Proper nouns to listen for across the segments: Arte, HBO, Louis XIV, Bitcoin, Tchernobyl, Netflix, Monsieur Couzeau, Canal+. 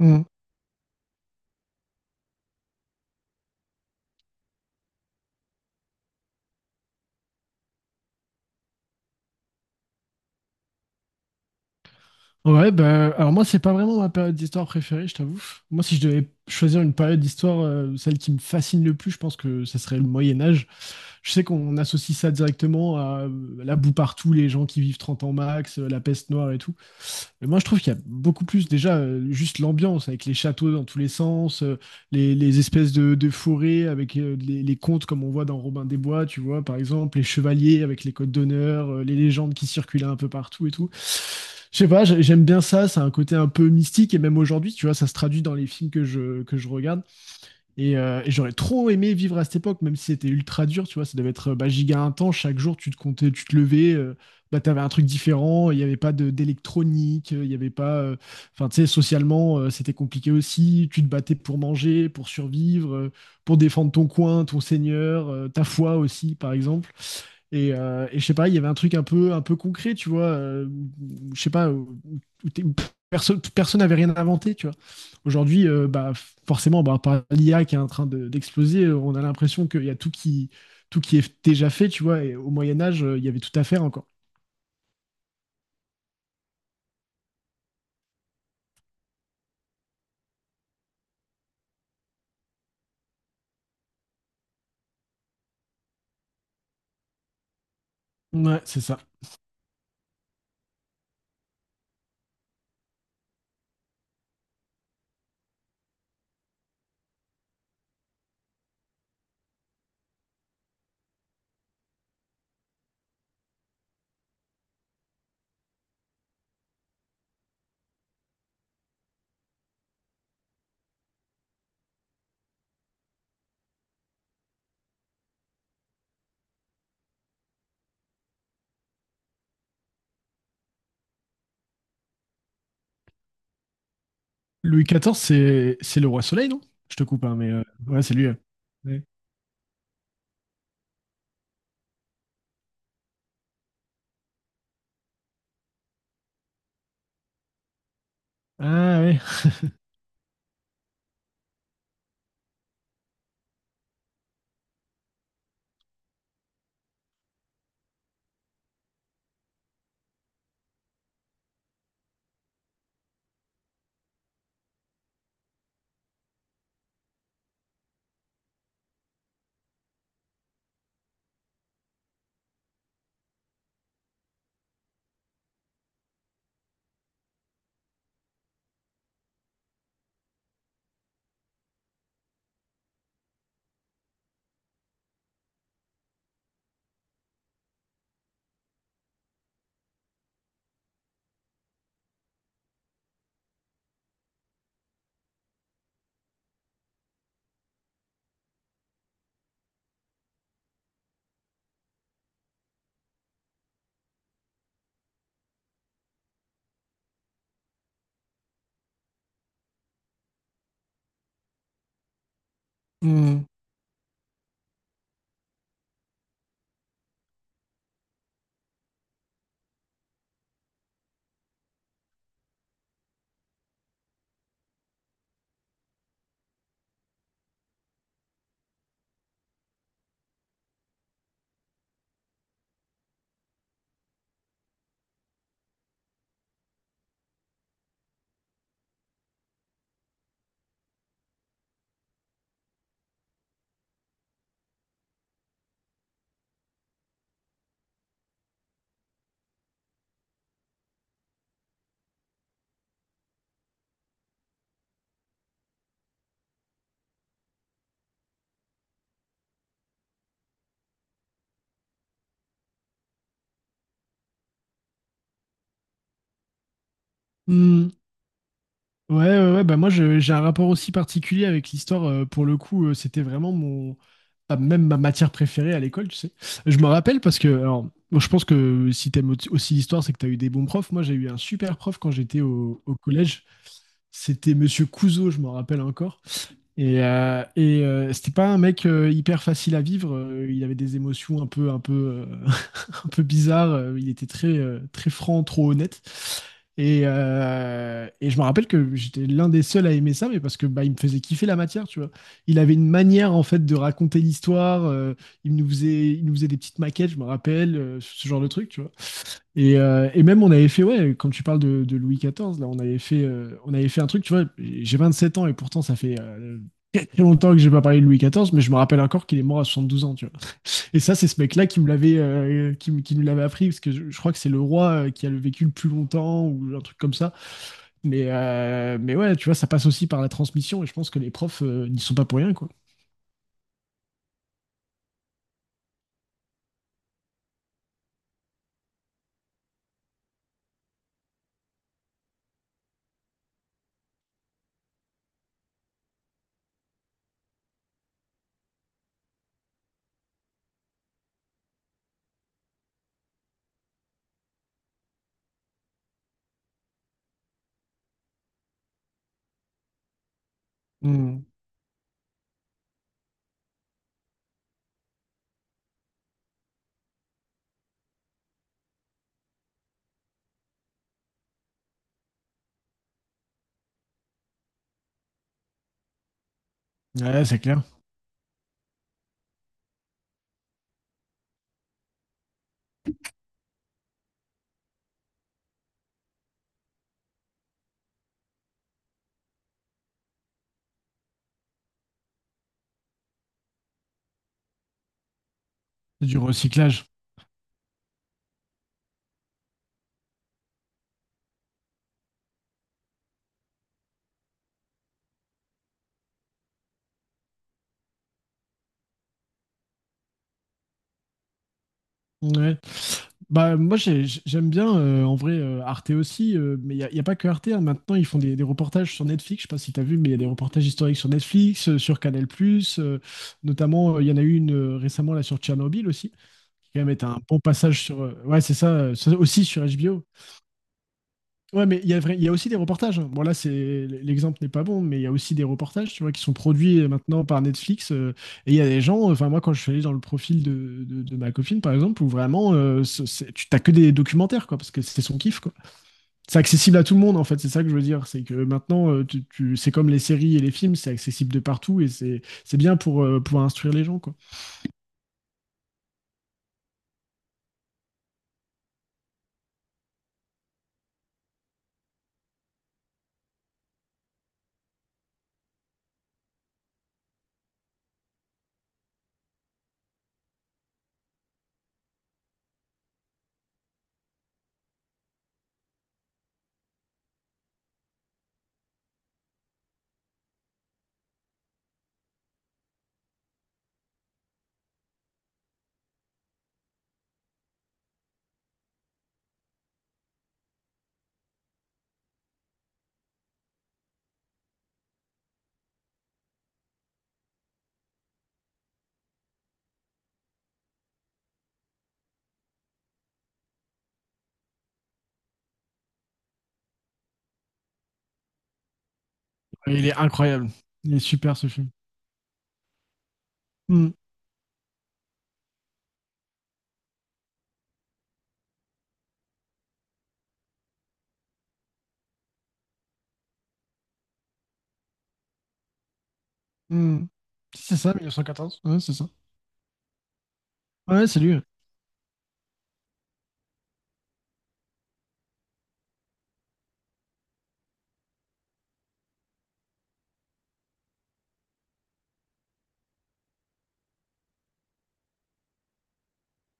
Mm. Ouais, bah, alors moi, c'est pas vraiment ma période d'histoire préférée, je t'avoue. Moi, si je devais choisir une période d'histoire, celle qui me fascine le plus, je pense que ça serait le Moyen Âge. Je sais qu'on associe ça directement à la boue partout, les gens qui vivent 30 ans max, la peste noire et tout. Moi, je trouve qu'il y a beaucoup plus déjà juste l'ambiance avec les châteaux dans tous les sens, les espèces de forêts avec les contes comme on voit dans Robin des Bois, tu vois, par exemple, les chevaliers avec les codes d'honneur, les légendes qui circulaient un peu partout et tout. Je sais pas, j'aime bien ça, ça a un côté un peu mystique et même aujourd'hui, tu vois, ça se traduit dans les films que je regarde. Et j'aurais trop aimé vivre à cette époque, même si c'était ultra dur, tu vois, ça devait être bah, giga intense, chaque jour tu te comptais, tu te levais, bah, t'avais un truc différent, il n'y avait pas de- d'électronique, il n'y avait pas. Enfin, tu sais, socialement, c'était compliqué aussi, tu te battais pour manger, pour survivre, pour défendre ton coin, ton seigneur, ta foi aussi, par exemple. Et je sais pas, il y avait un truc un peu concret, tu vois. Je sais pas, où, où personne, personne n'avait rien inventé, tu vois. Aujourd'hui, bah, forcément, bah, par l'IA qui est en train d'exploser, on a l'impression qu'il y a tout qui est déjà fait, tu vois. Et au Moyen Âge, il y avait tout à faire encore. Ouais, c'est ça. Louis XIV, c'est le roi soleil, non? Je te coupe, hein, mais ouais, c'est lui. Euh. Ouais. Ah ouais. Hmm. Hmm. Ouais, ouais, ouais, bah moi j'ai un rapport aussi particulier avec l'histoire. Pour le coup, c'était vraiment mon même ma matière préférée à l'école, tu sais. Je me rappelle parce que alors bon, je pense que si aussi l'histoire, c'est que t'as eu des bons profs. Moi, j'ai eu un super prof quand j'étais au collège. C'était Monsieur Couzeau, je m'en rappelle encore. Et c'était pas un mec hyper facile à vivre. Il avait des émotions un peu, un peu, euh, un peu bizarre. Il était très, très franc, trop honnête. Et je me rappelle que j'étais l'un des seuls à aimer ça, mais parce que bah, il me faisait kiffer la matière, tu vois. Il avait une manière en fait de raconter l'histoire. Il nous faisait des petites maquettes, je me rappelle, ce genre de truc, tu vois. Et même on avait fait, ouais, quand tu parles de Louis XIV, là, on avait fait un truc, tu vois. J'ai 27 ans et pourtant ça fait très longtemps que j'ai pas parlé de Louis XIV, mais je me rappelle encore qu'il est mort à 72 ans, tu et ça, c'est ce mec-là qui me l'avait, qui nous l'avait appris, parce que je crois que c'est le roi qui a le vécu le plus longtemps ou un truc comme ça. Mais ouais, tu vois, ça passe aussi par la transmission, et je pense que les profs n'y sont pas pour rien, quoi. Mm. Ouais, c'est clair. C'est du recyclage. Ouais. Bah, moi, j'aime bien, en vrai, Arte aussi, mais il n'y a, y a pas que Arte, hein. Maintenant, ils font des reportages sur Netflix. Je sais pas si tu as vu, mais il y a des reportages historiques sur Netflix, sur Canal+, euh, notamment, il y en a eu une récemment là sur Tchernobyl aussi. Qui quand même est un bon passage sur. Ouais, c'est ça, c'est aussi sur HBO. Ouais, mais il y a, il y a aussi des reportages, hein. Bon, là, c'est, l'exemple n'est pas bon, mais il y a aussi des reportages, tu vois, qui sont produits maintenant par Netflix. Et il y a des gens, enfin, moi, quand je suis allé dans le profil de, de ma copine, par exemple, où vraiment, c'est- tu t'as que des documentaires, quoi, parce que c'est son kiff, quoi. C'est accessible à tout le monde, en fait, c'est ça que je veux dire. C'est que maintenant, c'est comme les séries et les films, c'est accessible de partout et c'est bien pour pouvoir instruire les gens, quoi. Et il est incroyable. Il est super, ce film. Hmm. Mmh. C'est ça, 1914. Ouais, c'est ça. Ouais, c'est lui. Ouais.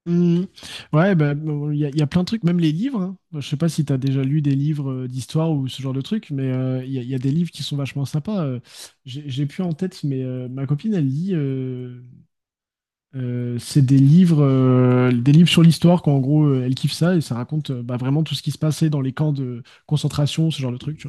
Mmh. Ouais, bah, bon, il y a plein de trucs, même les livres, hein. Bah, je sais pas si tu as déjà lu des livres d'histoire ou ce genre de trucs, mais il y a des livres qui sont vachement sympas. J'ai plus en tête, mais ma copine, elle lit. C'est des livres sur l'histoire, qu'en gros, elle kiffe ça et ça raconte bah, vraiment tout ce qui se passait dans les camps de concentration, ce genre de trucs,